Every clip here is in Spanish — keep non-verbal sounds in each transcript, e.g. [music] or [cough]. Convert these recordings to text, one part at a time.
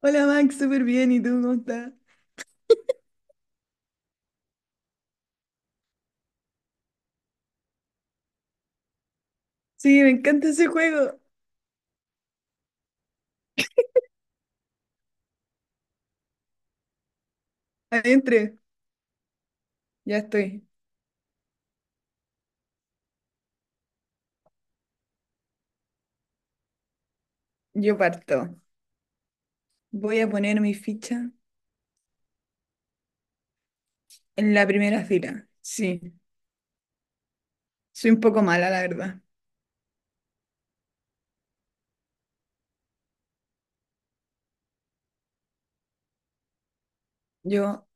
Hola Max, súper bien. ¿Y tú cómo estás? Sí, me encanta ese juego. Adentre. Ya estoy. Yo parto. Voy a poner mi ficha en la primera fila. Sí, soy un poco mala, la verdad. Yo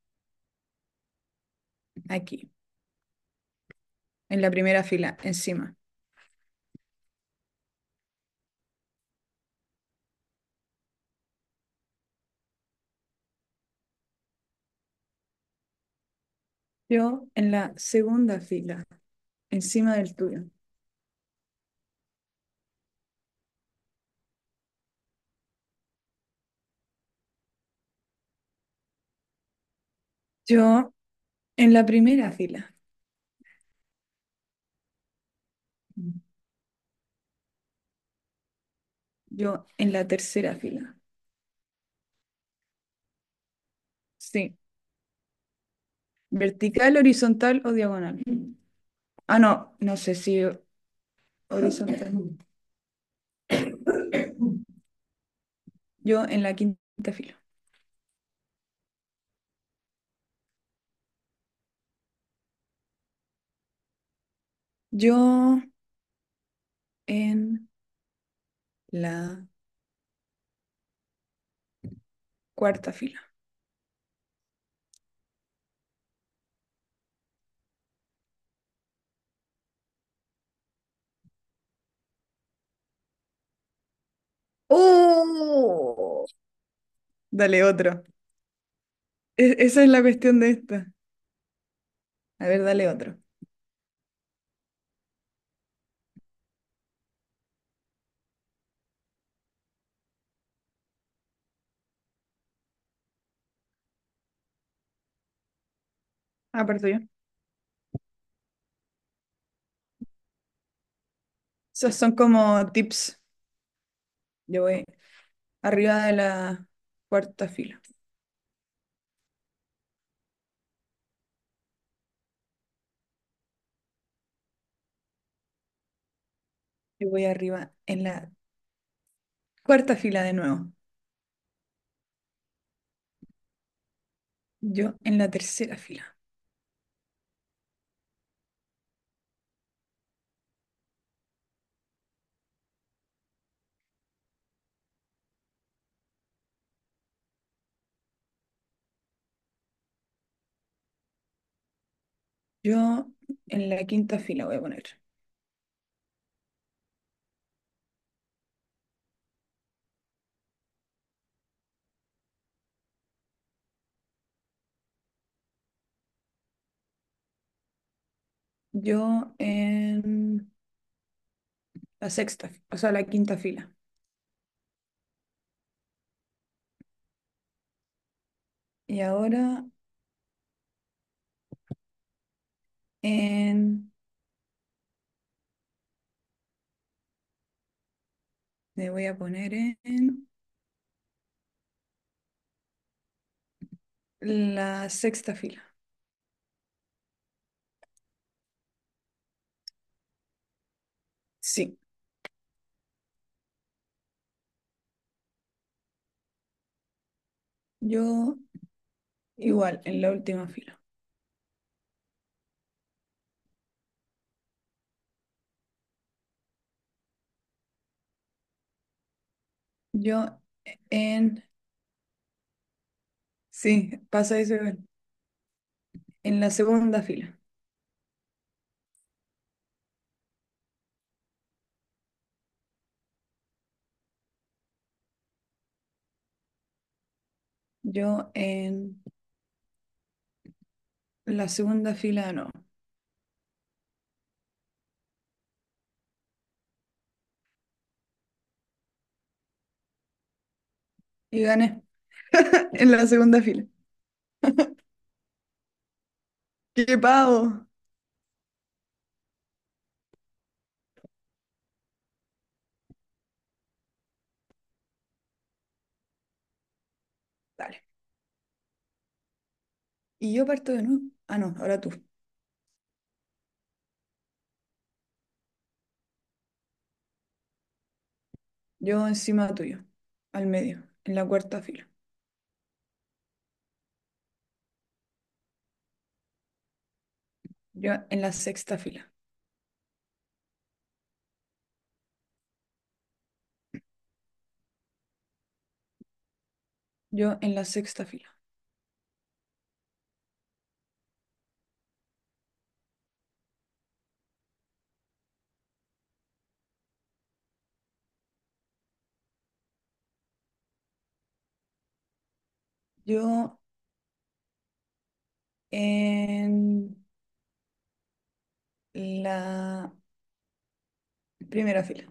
aquí, en la primera fila, encima. Yo en la segunda fila, encima del tuyo. Yo en la primera fila. Yo en la tercera fila. Sí. ¿Vertical, horizontal o diagonal? Ah, no, no sé si horizontal. Yo en la quinta fila. Yo en la cuarta fila. ¡Uh! Dale otro. Esa es la cuestión de esta. A ver, dale otro. Ah, parto yo. Esos son como tips. Yo voy arriba de la cuarta fila. Yo voy arriba en la cuarta fila de nuevo. Yo en la tercera fila. Yo en la quinta fila voy a poner. Yo en la sexta, o sea, la quinta fila. Y ahora En, me voy a poner en la sexta fila. Sí, yo igual, en la última fila. Yo en, sí, pasa eso igual. En la segunda fila. Yo en la segunda fila, no. Y gané [laughs] en la segunda fila. ¡Qué pavo! Dale. Y yo parto de nuevo. Ah, no, ahora tú. Yo encima tuyo, al medio, en la cuarta fila. Yo en la sexta fila. Yo en la sexta fila. Yo En la primera fila.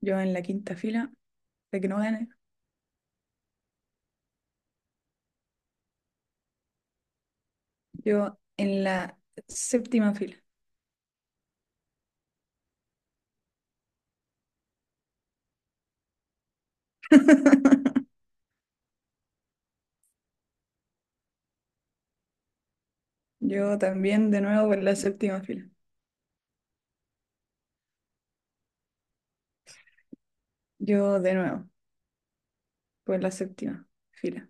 Yo en la quinta fila, de que no gane. Yo en la séptima fila. [laughs] Yo también de nuevo por la séptima fila. Yo de nuevo por la séptima fila.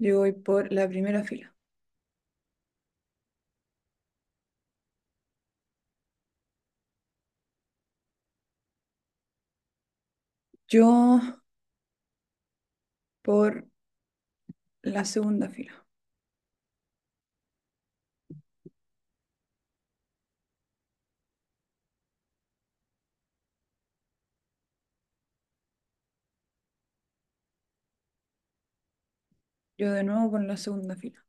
Yo voy por la primera fila. Yo por la segunda fila. Yo de nuevo por la segunda fila.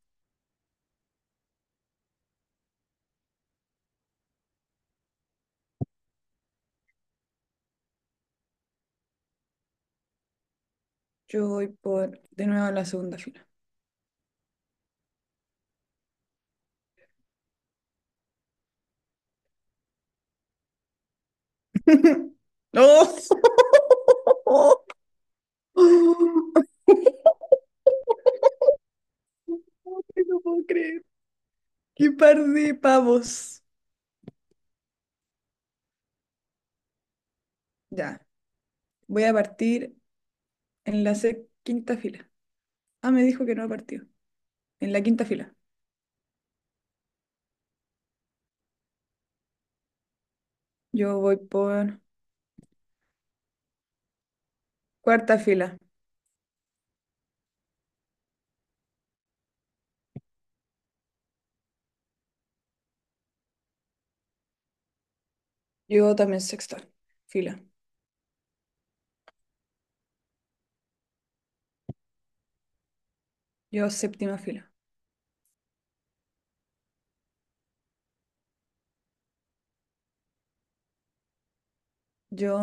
Yo voy por de nuevo la segunda fila. [laughs] ¡No! [laughs] ¡Oh! No te lo puedo creer. ¡Qué par de pavos! Ya, voy a partir en la quinta fila. Ah, me dijo que no ha partido. En la quinta fila. Yo voy por cuarta fila. Yo también sexta fila. Yo séptima fila. Yo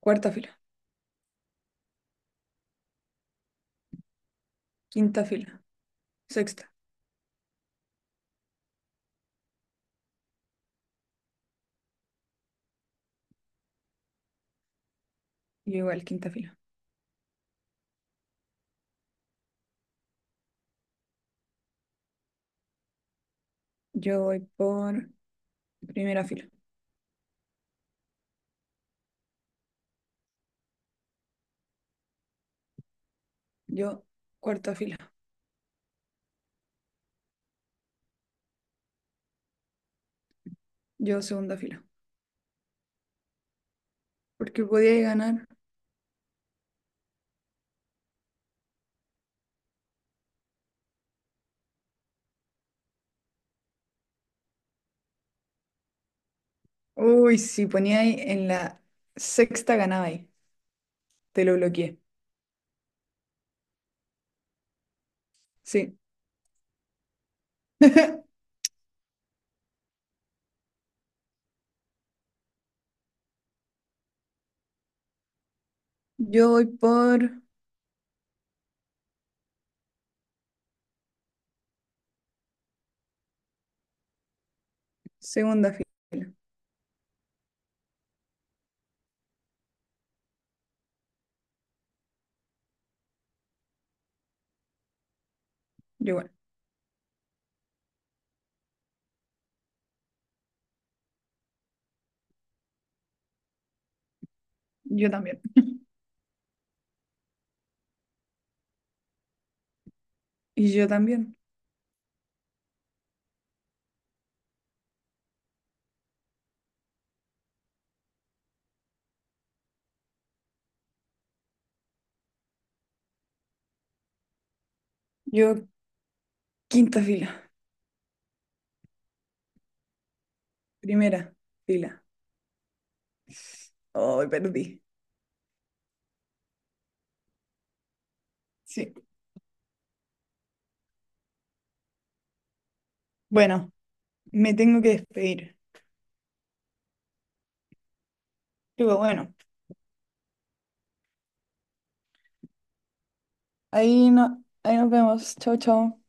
cuarta fila. Quinta fila. Sexta. Yo igual, quinta fila. Yo voy por primera fila. Yo cuarta fila. Yo segunda fila. Porque podíais ganar. Uy, si poníais en la sexta ganabais. Te lo bloqueé. Sí. [laughs] Yo voy por segunda fila. Yo igual. Yo también. [laughs] Y yo también. Yo quinta fila. Primera fila. Hoy perdí. Sí. Bueno, me tengo que despedir. Pero bueno, ahí no, ahí nos vemos. Chau, chau.